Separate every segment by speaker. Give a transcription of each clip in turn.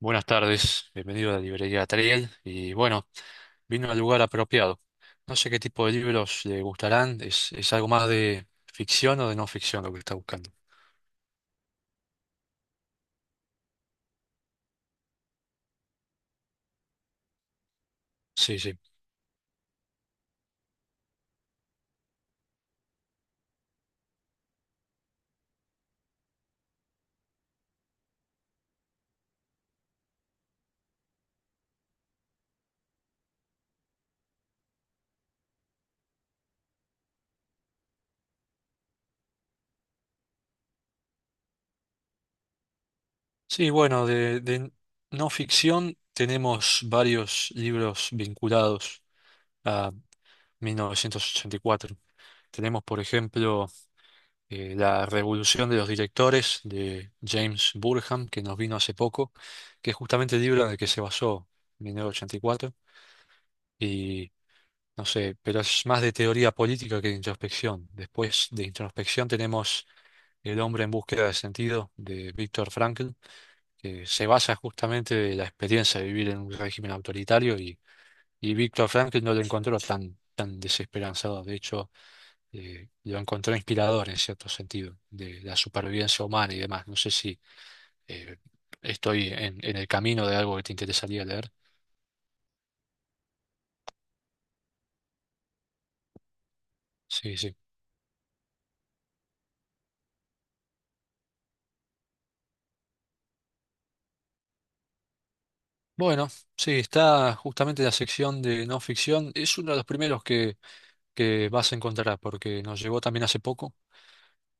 Speaker 1: Buenas tardes, bienvenido a la librería Triel y bueno, vino al lugar apropiado. No sé qué tipo de libros le gustarán, es algo más de ficción o de no ficción lo que está buscando. Sí, sí, sí. Bueno, de no ficción tenemos varios libros vinculados a 1984. Tenemos, por ejemplo, La Revolución de los Directores de James Burham, que nos vino hace poco, que es justamente el libro en el que se basó 1984. Y cuatro. No sé, pero es más de teoría política que de introspección. Después de introspección tenemos El hombre en búsqueda de sentido de Víctor Frankl, que se basa justamente de la experiencia de vivir en un régimen autoritario y Víctor Frankl no lo encontró tan desesperanzado. De hecho, lo encontró inspirador en cierto sentido, de la supervivencia humana y demás. No sé si eh, estoy en el camino de algo que te interesaría leer. Sí, sí. Bueno, sí, está justamente la sección de no ficción. Es uno de los primeros que vas a encontrar, porque nos llegó también hace poco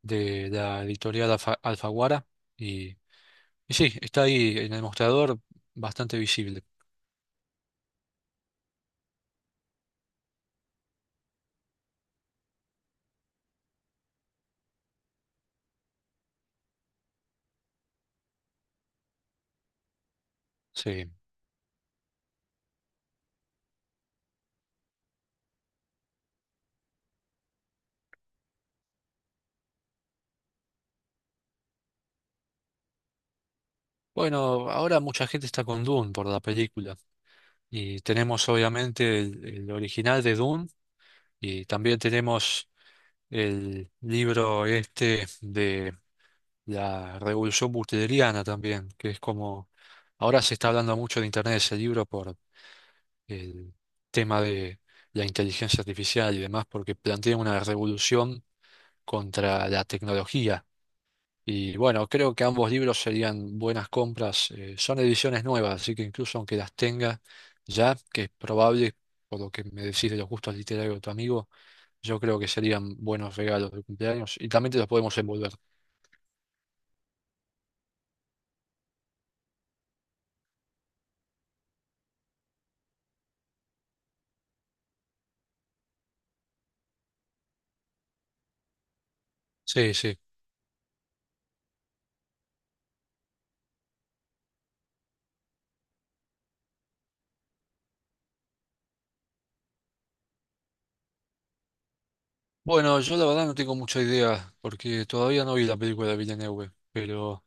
Speaker 1: de la editorial Alfaguara. Y, y sí, está ahí en el mostrador bastante visible. Sí. Bueno, ahora mucha gente está con Dune por la película. Y tenemos obviamente el original de Dune y también tenemos el libro este la revolución butleriana también, que es como, ahora se está hablando mucho de Internet de ese libro por el tema de la inteligencia artificial y demás, porque plantea una revolución contra la tecnología. Y bueno, creo que ambos libros serían buenas compras. Son ediciones nuevas, así que incluso aunque las tenga ya, que es probable, por lo que me decís de los gustos literarios de tu amigo, yo creo que serían buenos regalos de cumpleaños y también te los podemos envolver. Sí, sí. Bueno, yo la verdad no tengo mucha idea, porque todavía no vi la película de Villeneuve, pero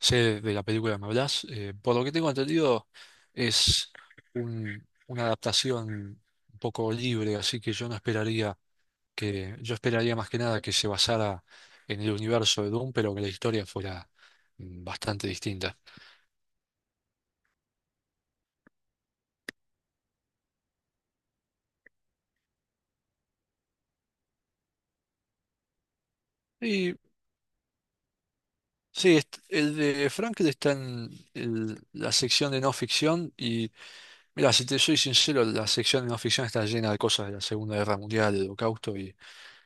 Speaker 1: sé de la película, que ¿me hablas? Por lo que tengo entendido, es una adaptación un poco libre, así que yo no esperaría que, yo esperaría más que nada que se basara en el universo de Doom, pero que la historia fuera bastante distinta. Y sí, el de Frankel está en la sección de no ficción y mira, si te soy sincero, la sección de no ficción está llena de cosas de la Segunda Guerra Mundial, del Holocausto, y,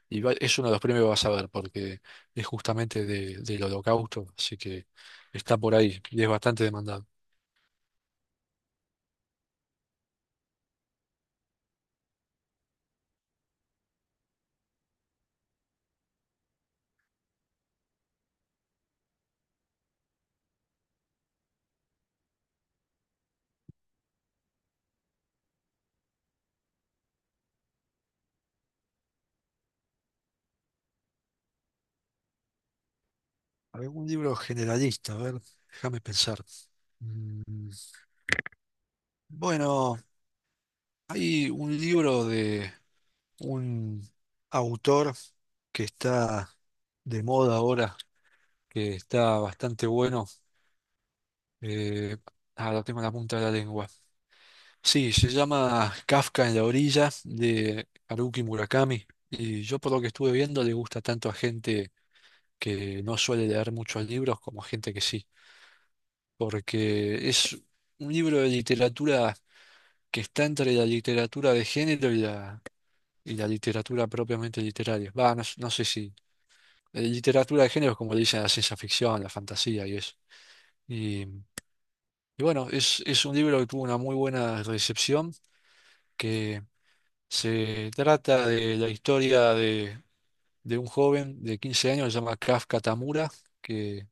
Speaker 1: es uno de los premios que vas a ver, porque es justamente del Holocausto, así que está por ahí y es bastante demandado. ¿Algún libro generalista? A ver, déjame pensar. Mm, Bueno, hay un libro de un autor que está de moda ahora, que está bastante bueno. Eh, ah, lo tengo en la punta de la lengua. Sí, se llama Kafka en la orilla de Haruki Murakami. Y yo por lo que estuve viendo le gusta tanto a gente que no suele leer muchos libros como a gente que sí, porque es un libro de literatura que está entre la literatura de género y y la literatura propiamente literaria. Va, no, no sé si literatura de género es como le dicen a la ciencia ficción, la fantasía y eso. Y, y bueno, es un libro que tuvo una muy buena recepción, que se trata de la historia de un joven de 15 años, se llama Kafka Tamura, que,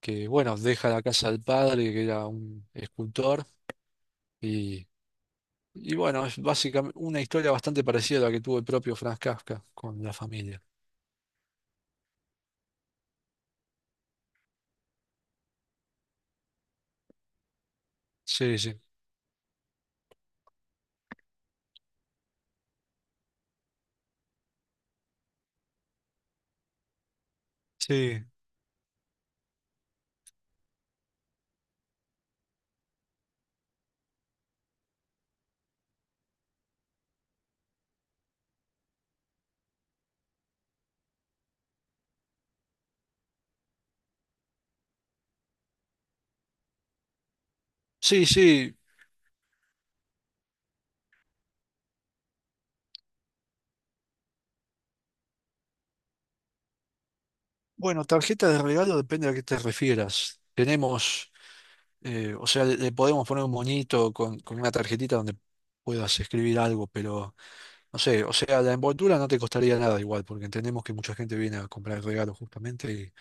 Speaker 1: que, bueno, deja la casa del padre, que era un escultor, y, y bueno, es básicamente una historia bastante parecida a la que tuvo el propio Franz Kafka con la familia. Sí, sí, sí, sí, sí. Bueno, tarjeta de regalo depende a qué te refieras. Tenemos, o sea, le podemos poner un moñito con una tarjetita donde puedas escribir algo, pero... No sé, o sea, la envoltura no te costaría nada igual, porque entendemos que mucha gente viene a comprar regalos justamente y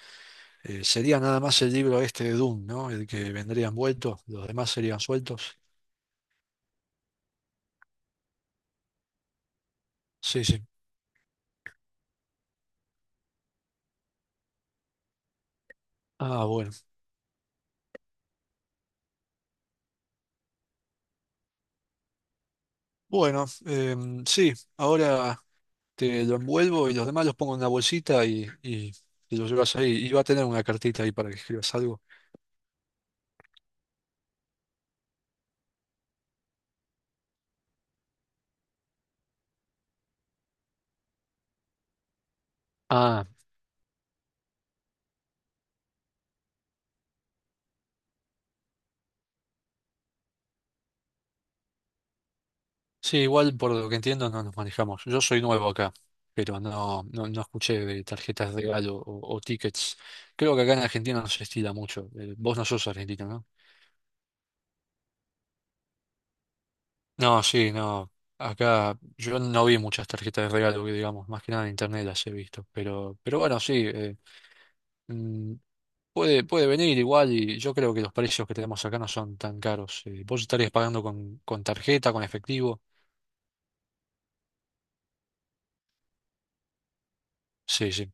Speaker 1: sería nada más el libro este de Doom, ¿no? El que vendría envuelto, los demás serían sueltos. Sí, sí. Ah, bueno. Bueno, sí, ahora te lo envuelvo y los demás los pongo en una bolsita y te lo llevas ahí. Y va a tener una cartita ahí para que escribas algo. Ah, sí, igual por lo que entiendo no nos manejamos. Yo soy nuevo acá, pero no, no escuché de tarjetas de regalo o tickets. Creo que acá en Argentina no se estila mucho. Vos no sos argentino, ¿no? No, sí, no. Acá yo no vi muchas tarjetas de regalo, que digamos, más que nada en internet las he visto. Pero bueno, sí, mm, puede, puede venir igual y yo creo que los precios que tenemos acá no son tan caros. Vos estarías pagando con tarjeta, con efectivo. Sí, sí.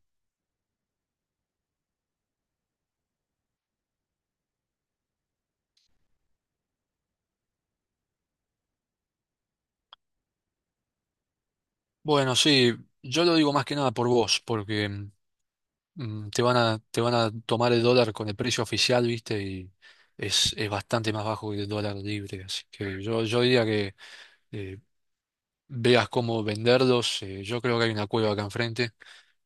Speaker 1: Bueno, sí, yo lo digo más que nada por vos, porque te van a, te van a tomar el dólar con el precio oficial, ¿viste? Y es bastante más bajo que el dólar libre. Así que yo diría que eh, veas cómo venderlos. Yo creo que hay una cueva acá enfrente.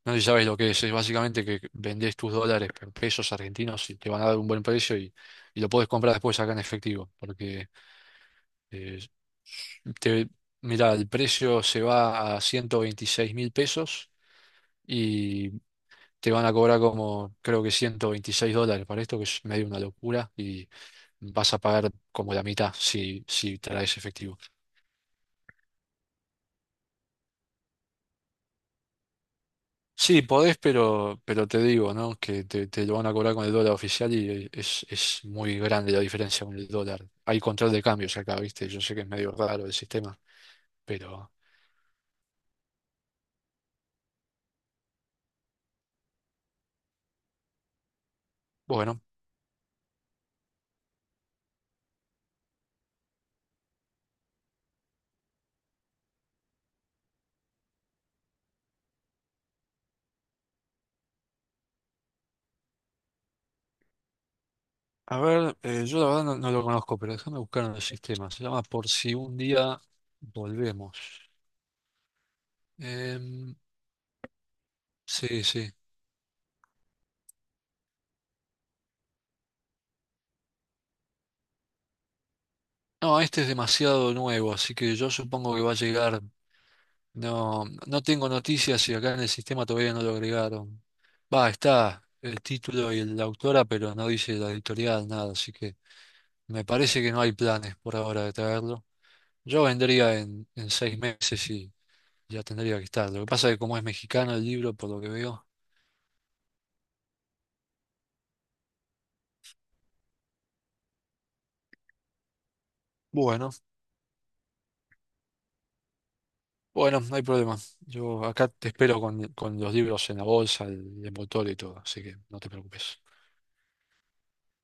Speaker 1: No sé si sabes lo que es. Es básicamente que vendés tus dólares por pesos argentinos y te van a dar un buen precio y lo podés comprar después acá en efectivo. Porque eh, te, mira, el precio se va a 126 mil pesos. Te van a cobrar como, creo que 126 dólares para esto, que es medio una locura, y vas a pagar como la mitad si, si traes efectivo. Sí, podés, pero te digo, ¿no? Que te lo van a cobrar con el dólar oficial y es muy grande la diferencia con el dólar. Hay control de cambios acá, ¿viste? Yo sé que es medio raro el sistema, pero bueno. A ver, yo la verdad no, no lo conozco, pero déjame buscar en el sistema. Se llama Por si un día volvemos. Em, sí, sí. No, este es demasiado nuevo, así que yo supongo que va a llegar. No, no tengo noticias y acá en el sistema todavía no lo agregaron. Va, está el título y la autora, pero no dice la editorial, nada, así que me parece que no hay planes por ahora de traerlo. Yo vendría en 6 meses y ya tendría que estar. Lo que pasa es que como es mexicano el libro, por lo que veo. Bueno, bueno, no hay problema. Yo acá te espero con los libros en la bolsa, el envoltorio y todo, así que no te preocupes.